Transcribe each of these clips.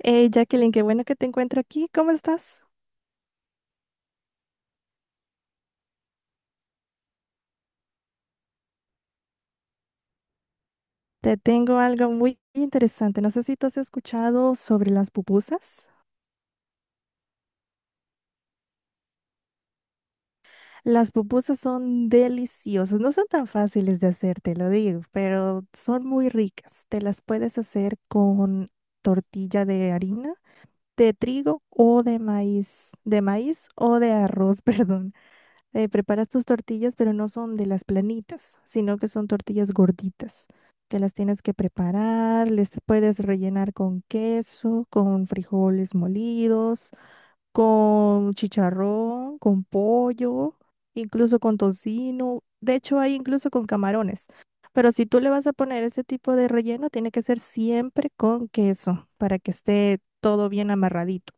Hey Jacqueline, qué bueno que te encuentro aquí. ¿Cómo estás? Te tengo algo muy interesante. No sé si tú has escuchado sobre las pupusas. Las pupusas son deliciosas. No son tan fáciles de hacer, te lo digo, pero son muy ricas. Te las puedes hacer con tortilla de harina, de trigo o de maíz o de arroz, perdón. Preparas tus tortillas, pero no son de las planitas, sino que son tortillas gorditas, que las tienes que preparar, les puedes rellenar con queso, con frijoles molidos, con chicharrón, con pollo, incluso con tocino. De hecho hay incluso con camarones. Pero si tú le vas a poner ese tipo de relleno, tiene que ser siempre con queso para que esté todo bien amarradito.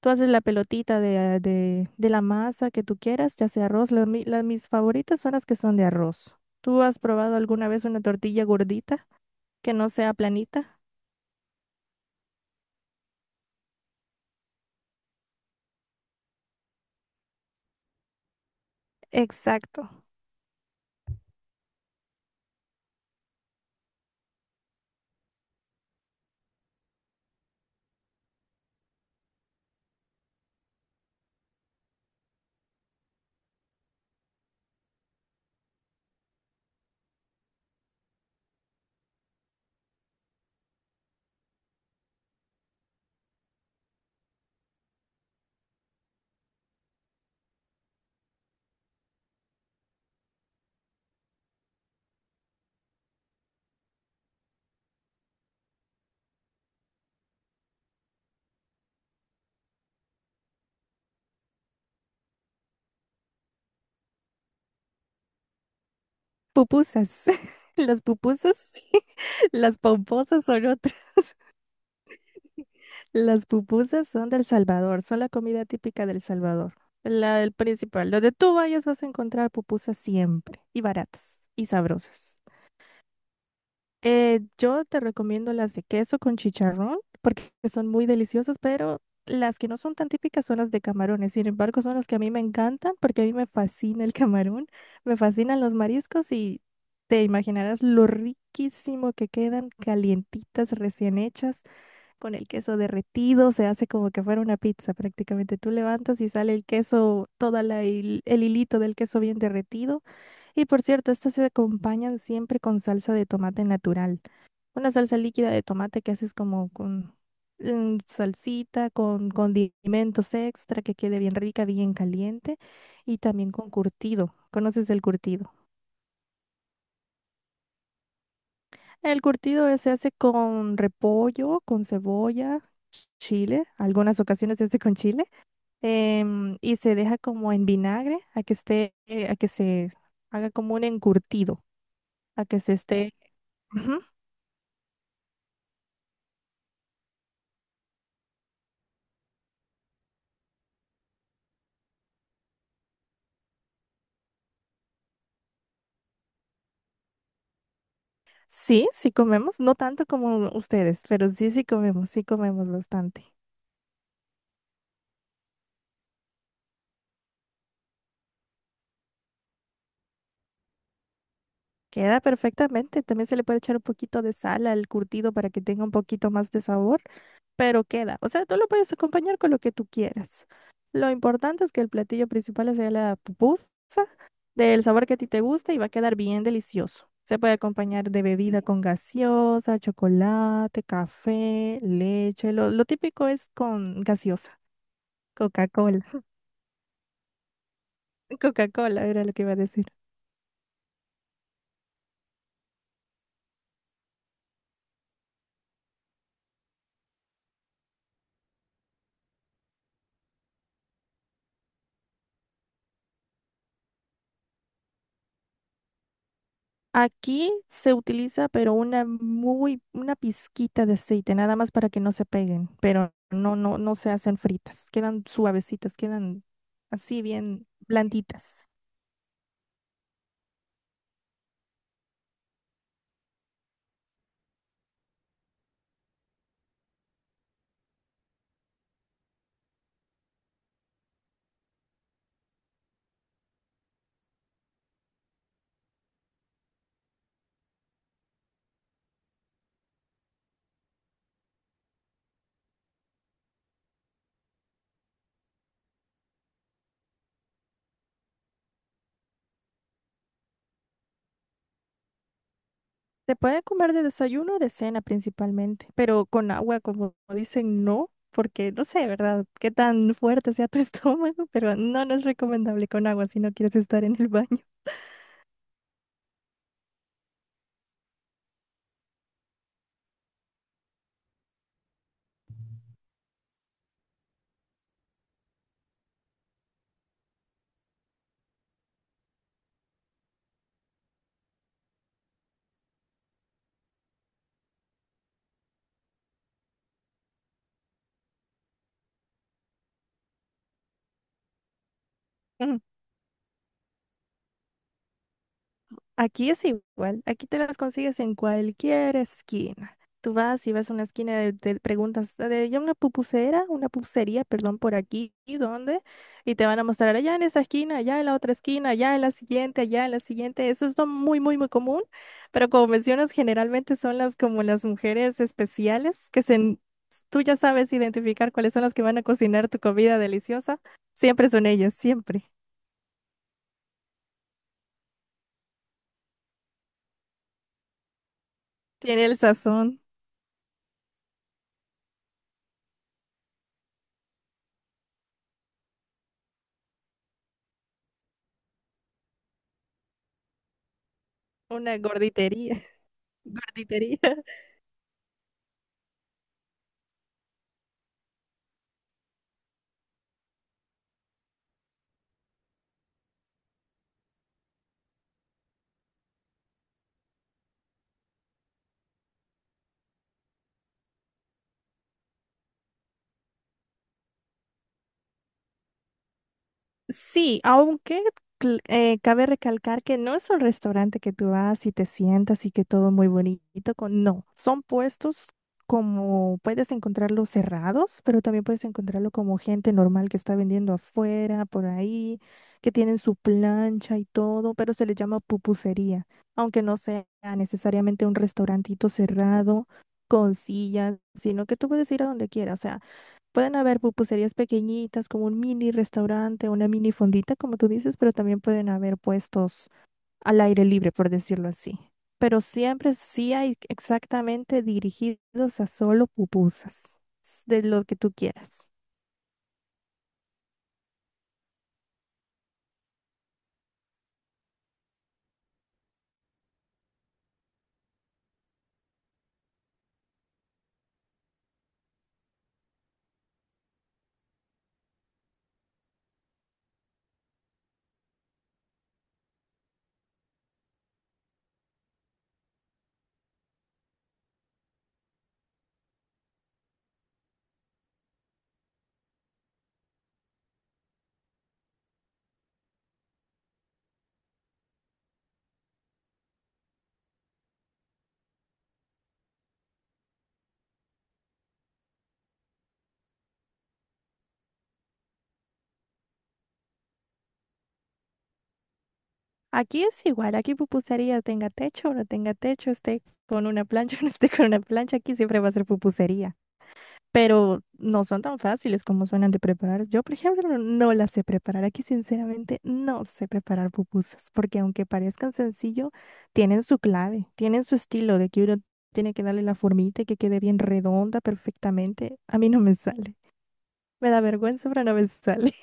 Tú haces la pelotita de la masa que tú quieras, ya sea arroz. Mis favoritas son las que son de arroz. ¿Tú has probado alguna vez una tortilla gordita que no sea planita? Exacto. Pupusas. Las pupusas, sí. Las pomposas son otras. Las pupusas son del Salvador, son la comida típica del Salvador. La, el principal. Donde tú vayas vas a encontrar pupusas siempre, y baratas, y sabrosas. Yo te recomiendo las de queso con chicharrón porque son muy deliciosas, pero las que no son tan típicas son las de camarones. Sin embargo, son las que a mí me encantan porque a mí me fascina el camarón, me fascinan los mariscos y te imaginarás lo riquísimo que quedan calientitas, recién hechas, con el queso derretido. Se hace como que fuera una pizza prácticamente. Tú levantas y sale el queso, toda el hilito del queso bien derretido. Y por cierto, estas se acompañan siempre con salsa de tomate natural, una salsa líquida de tomate que haces como con salsita, con condimentos extra, que quede bien rica, bien caliente, y también con curtido. ¿Conoces el curtido? El curtido se hace con repollo, con cebolla, chile. Algunas ocasiones se hace con chile, y se deja como en vinagre a que esté, a que se haga como un encurtido, a que se esté. Ujú. Sí, sí comemos, no tanto como ustedes, pero sí, sí comemos bastante. Queda perfectamente. También se le puede echar un poquito de sal al curtido para que tenga un poquito más de sabor, pero queda. O sea, tú lo puedes acompañar con lo que tú quieras. Lo importante es que el platillo principal sea la pupusa, del sabor que a ti te gusta, y va a quedar bien delicioso. Se puede acompañar de bebida con gaseosa, chocolate, café, leche. Lo típico es con gaseosa, Coca-Cola. Coca-Cola era lo que iba a decir. Aquí se utiliza, pero una muy, una pizquita de aceite, nada más para que no se peguen, pero no, no, no se hacen fritas, quedan suavecitas, quedan así bien blanditas. Se puede comer de desayuno o de cena principalmente, pero con agua, como dicen, no, porque no sé, ¿verdad? Qué tan fuerte sea tu estómago, pero no, no es recomendable con agua si no quieres estar en el baño. Aquí es igual, aquí te las consigues en cualquier esquina. Tú vas y vas a una esquina de, te preguntas: "Ah, de, ya una pupusera, una pupusería, perdón, por aquí, ¿y dónde?". Y te van a mostrar allá en esa esquina, allá en la otra esquina, allá en la siguiente, allá en la siguiente. Eso es lo muy, muy, muy común, pero como mencionas, generalmente son las como las mujeres especiales que se, tú ya sabes identificar cuáles son las que van a cocinar tu comida deliciosa. Siempre son ellas, siempre. Tiene el sazón, una gorditería. Gorditería. Sí, aunque cabe recalcar que no es un restaurante que tú vas y te sientas y que todo muy bonito. Con... No, son puestos, como puedes encontrarlos cerrados, pero también puedes encontrarlo como gente normal que está vendiendo afuera, por ahí, que tienen su plancha y todo, pero se le llama pupusería, aunque no sea necesariamente un restaurantito cerrado con sillas, sino que tú puedes ir a donde quieras. O sea, pueden haber pupuserías pequeñitas, como un mini restaurante, una mini fondita, como tú dices, pero también pueden haber puestos al aire libre, por decirlo así. Pero siempre sí hay exactamente dirigidos a solo pupusas, de lo que tú quieras. Aquí es igual, aquí pupusería tenga techo o no tenga techo, esté con una plancha o no esté con una plancha, aquí siempre va a ser pupusería. Pero no son tan fáciles como suenan de preparar. Yo, por ejemplo, no las sé preparar. Aquí, sinceramente, no sé preparar pupusas, porque aunque parezcan sencillo, tienen su clave, tienen su estilo de que uno tiene que darle la formita y que quede bien redonda perfectamente. A mí no me sale. Me da vergüenza, pero no me sale.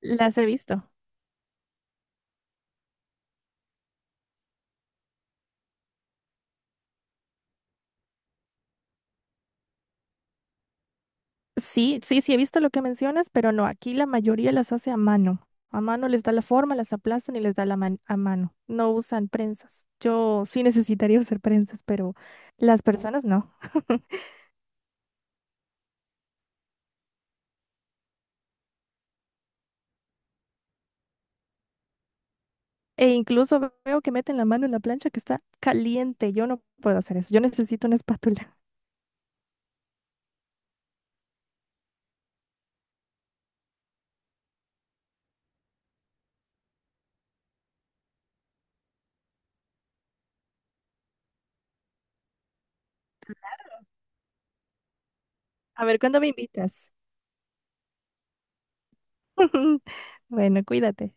Las he visto. Sí, sí, sí, he visto lo que mencionas, pero no, aquí la mayoría las hace a mano. A mano les da la forma, las aplastan y les da la a mano. No usan prensas. Yo sí necesitaría usar prensas, pero las personas no. E incluso veo que meten la mano en la plancha que está caliente. Yo no puedo hacer eso. Yo necesito una espátula. A ver, ¿cuándo me invitas? Bueno, cuídate.